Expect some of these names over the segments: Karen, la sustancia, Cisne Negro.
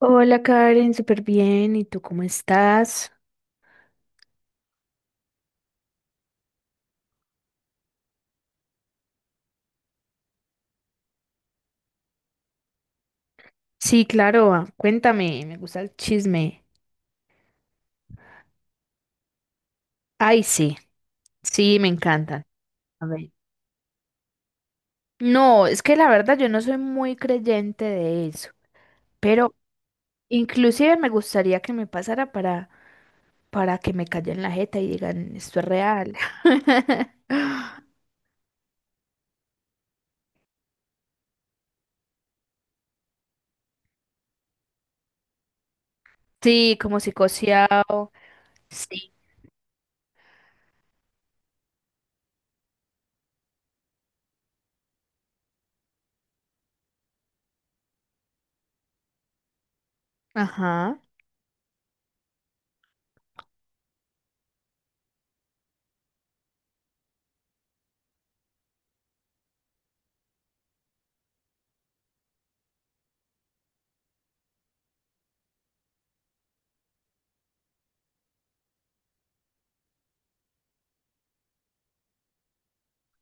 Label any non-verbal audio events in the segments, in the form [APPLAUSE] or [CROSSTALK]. Hola Karen, súper bien. ¿Y tú cómo estás? Sí, claro, cuéntame, me gusta el chisme. Ay, sí, sí, me encantan. A ver. No, es que la verdad yo no soy muy creyente de eso, pero inclusive me gustaría que me pasara para que me callen la jeta y digan, esto es real. [LAUGHS] Sí, como psicoseado. Sí. Ajá.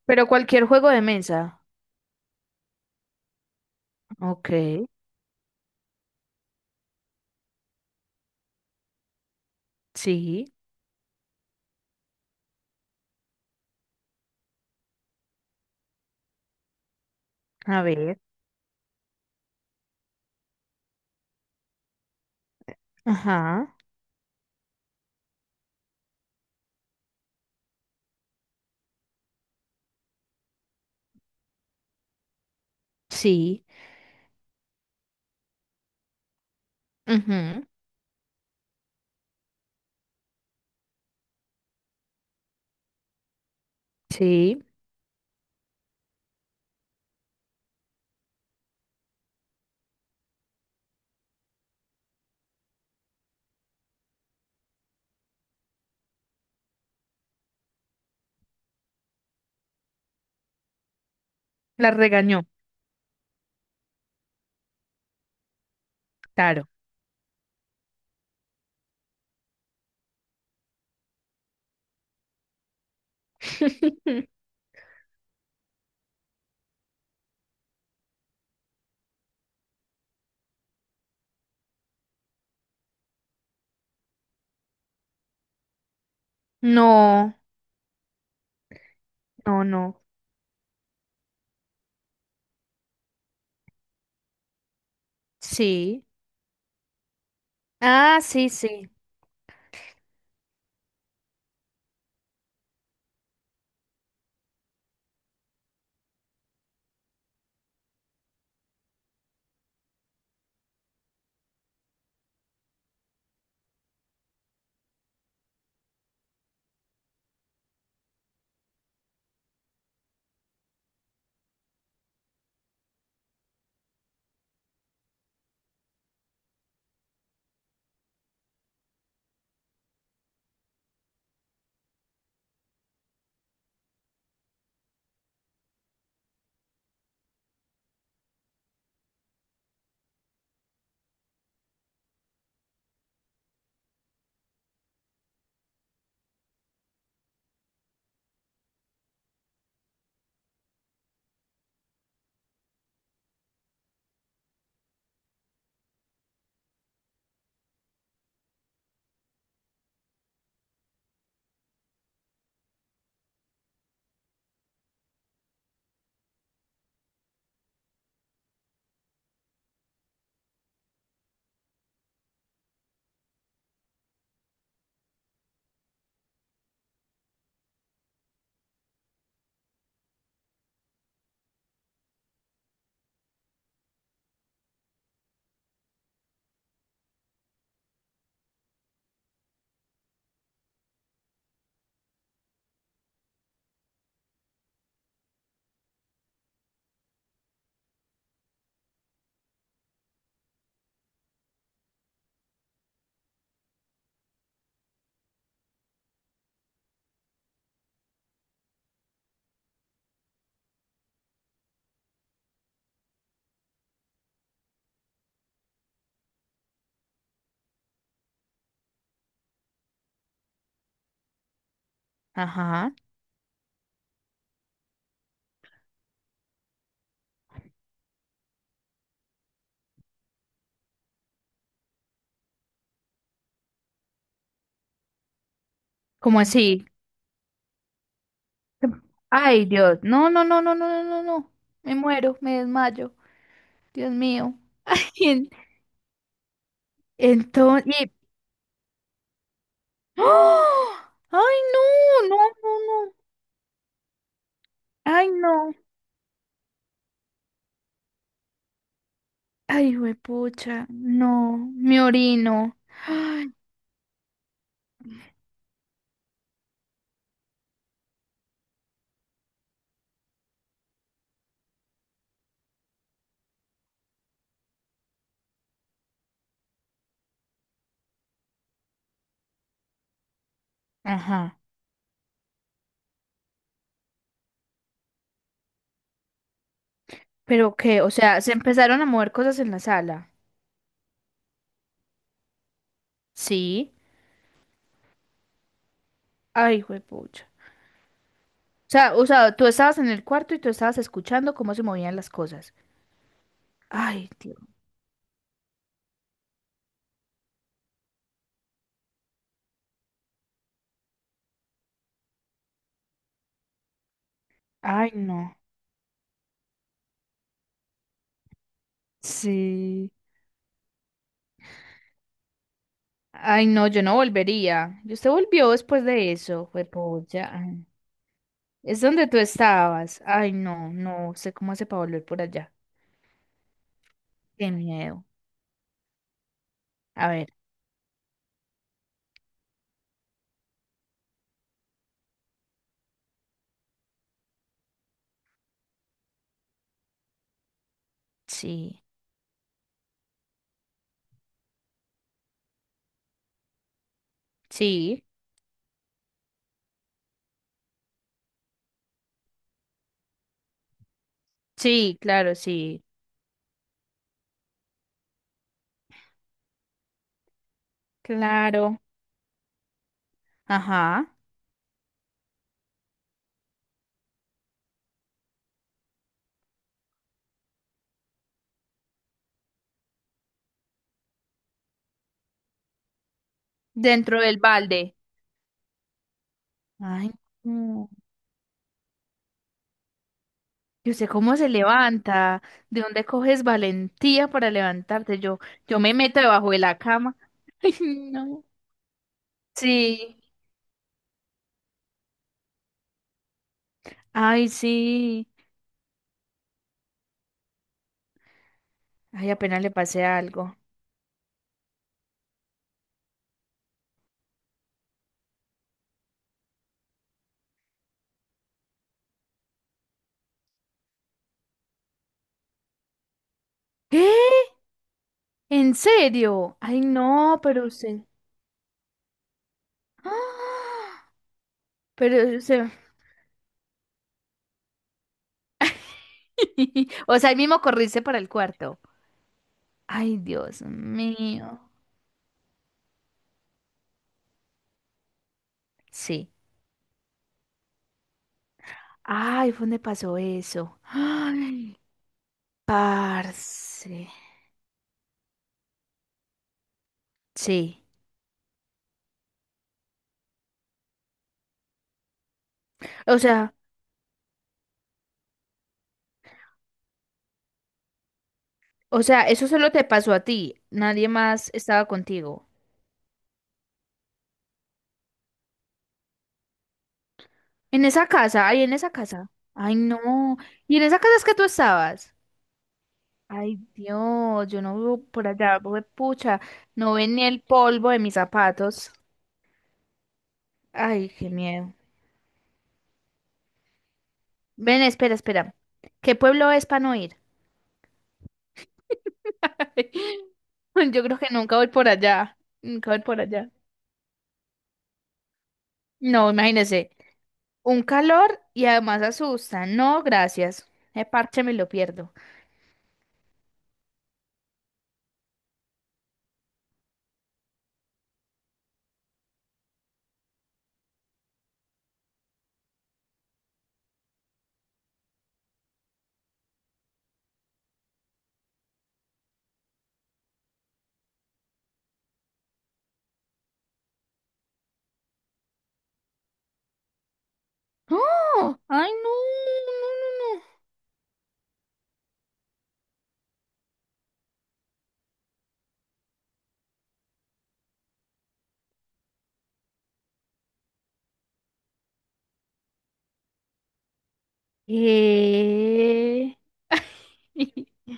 Pero cualquier juego de mesa. Ok, sí, a ver. Ajá. Sí. Ujú, sí. La regañó, claro. [LAUGHS] No. No, no. Sí. Ah, sí, sí. Ajá. ¿Cómo así? Ay, Dios. No, no, no, no, no, no, no, no. Me muero, me desmayo. Dios mío. [LAUGHS] Entonces... ¡Ah! ¡Ay, no! No, no, no. ¡Ay, no! Ay, pucha. No, me orino. Ay. Ajá. ¿Pero qué? O sea, se empezaron a mover cosas en la sala. Sí. Ay, juepucha. O sea, tú estabas en el cuarto y tú estabas escuchando cómo se movían las cosas. Ay, tío. Ay, no. Sí. Ay, no, yo no volvería. Y usted volvió después de eso, juepucha. Ay. Es donde tú estabas. Ay, no, no sé cómo hace para volver por allá. Qué miedo. A ver, sí, sí, sí, claro, sí, claro. Ajá. Dentro del balde. Ay, no. Y usted cómo se levanta, de dónde coges valentía para levantarte. Yo me meto debajo de la cama. [LAUGHS] Ay, no. Sí. Ay, sí. Ay, apenas le pasé algo. ¿Qué? ¿En serio? Ay, no, pero usted. ¡Ah! Pero usted. [LAUGHS] O sea, ahí mismo corriste para el cuarto. Ay, Dios mío. Sí. Ay, ¿fue donde pasó eso? [GASPS] Ay, parce. Sí. O sea. O sea, eso solo te pasó a ti. Nadie más estaba contigo. En esa casa, ay, en esa casa. Ay, no. ¿Y en esa casa es que tú estabas? Ay, Dios, yo no vivo por allá, hue- pucha. No ven ni el polvo de mis zapatos. Ay, qué miedo. Ven, espera, espera. ¿Qué pueblo es para no ir? [LAUGHS] Yo creo que nunca voy por allá. Nunca voy por allá. No, imagínese. Un calor y además asusta. No, gracias. El parche me lo pierdo. ¡Oh! ¡Ay, no! No, no, no. Eh... [LAUGHS]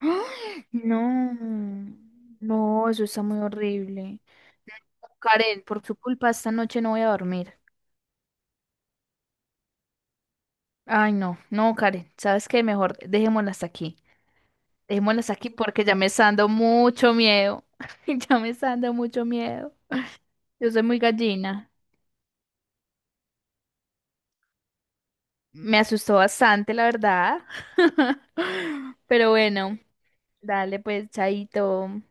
¡Ay! No, no, eso está muy horrible. Karen, por tu culpa esta noche no voy a dormir. Ay, no, no, Karen, ¿sabes qué? Mejor dejémosla hasta aquí. Dejémosla hasta aquí porque ya me está dando mucho miedo. [LAUGHS] Ya me está dando mucho miedo. Yo soy muy gallina. Me asustó bastante, la verdad. [LAUGHS] Pero bueno. Dale, pues, chaito.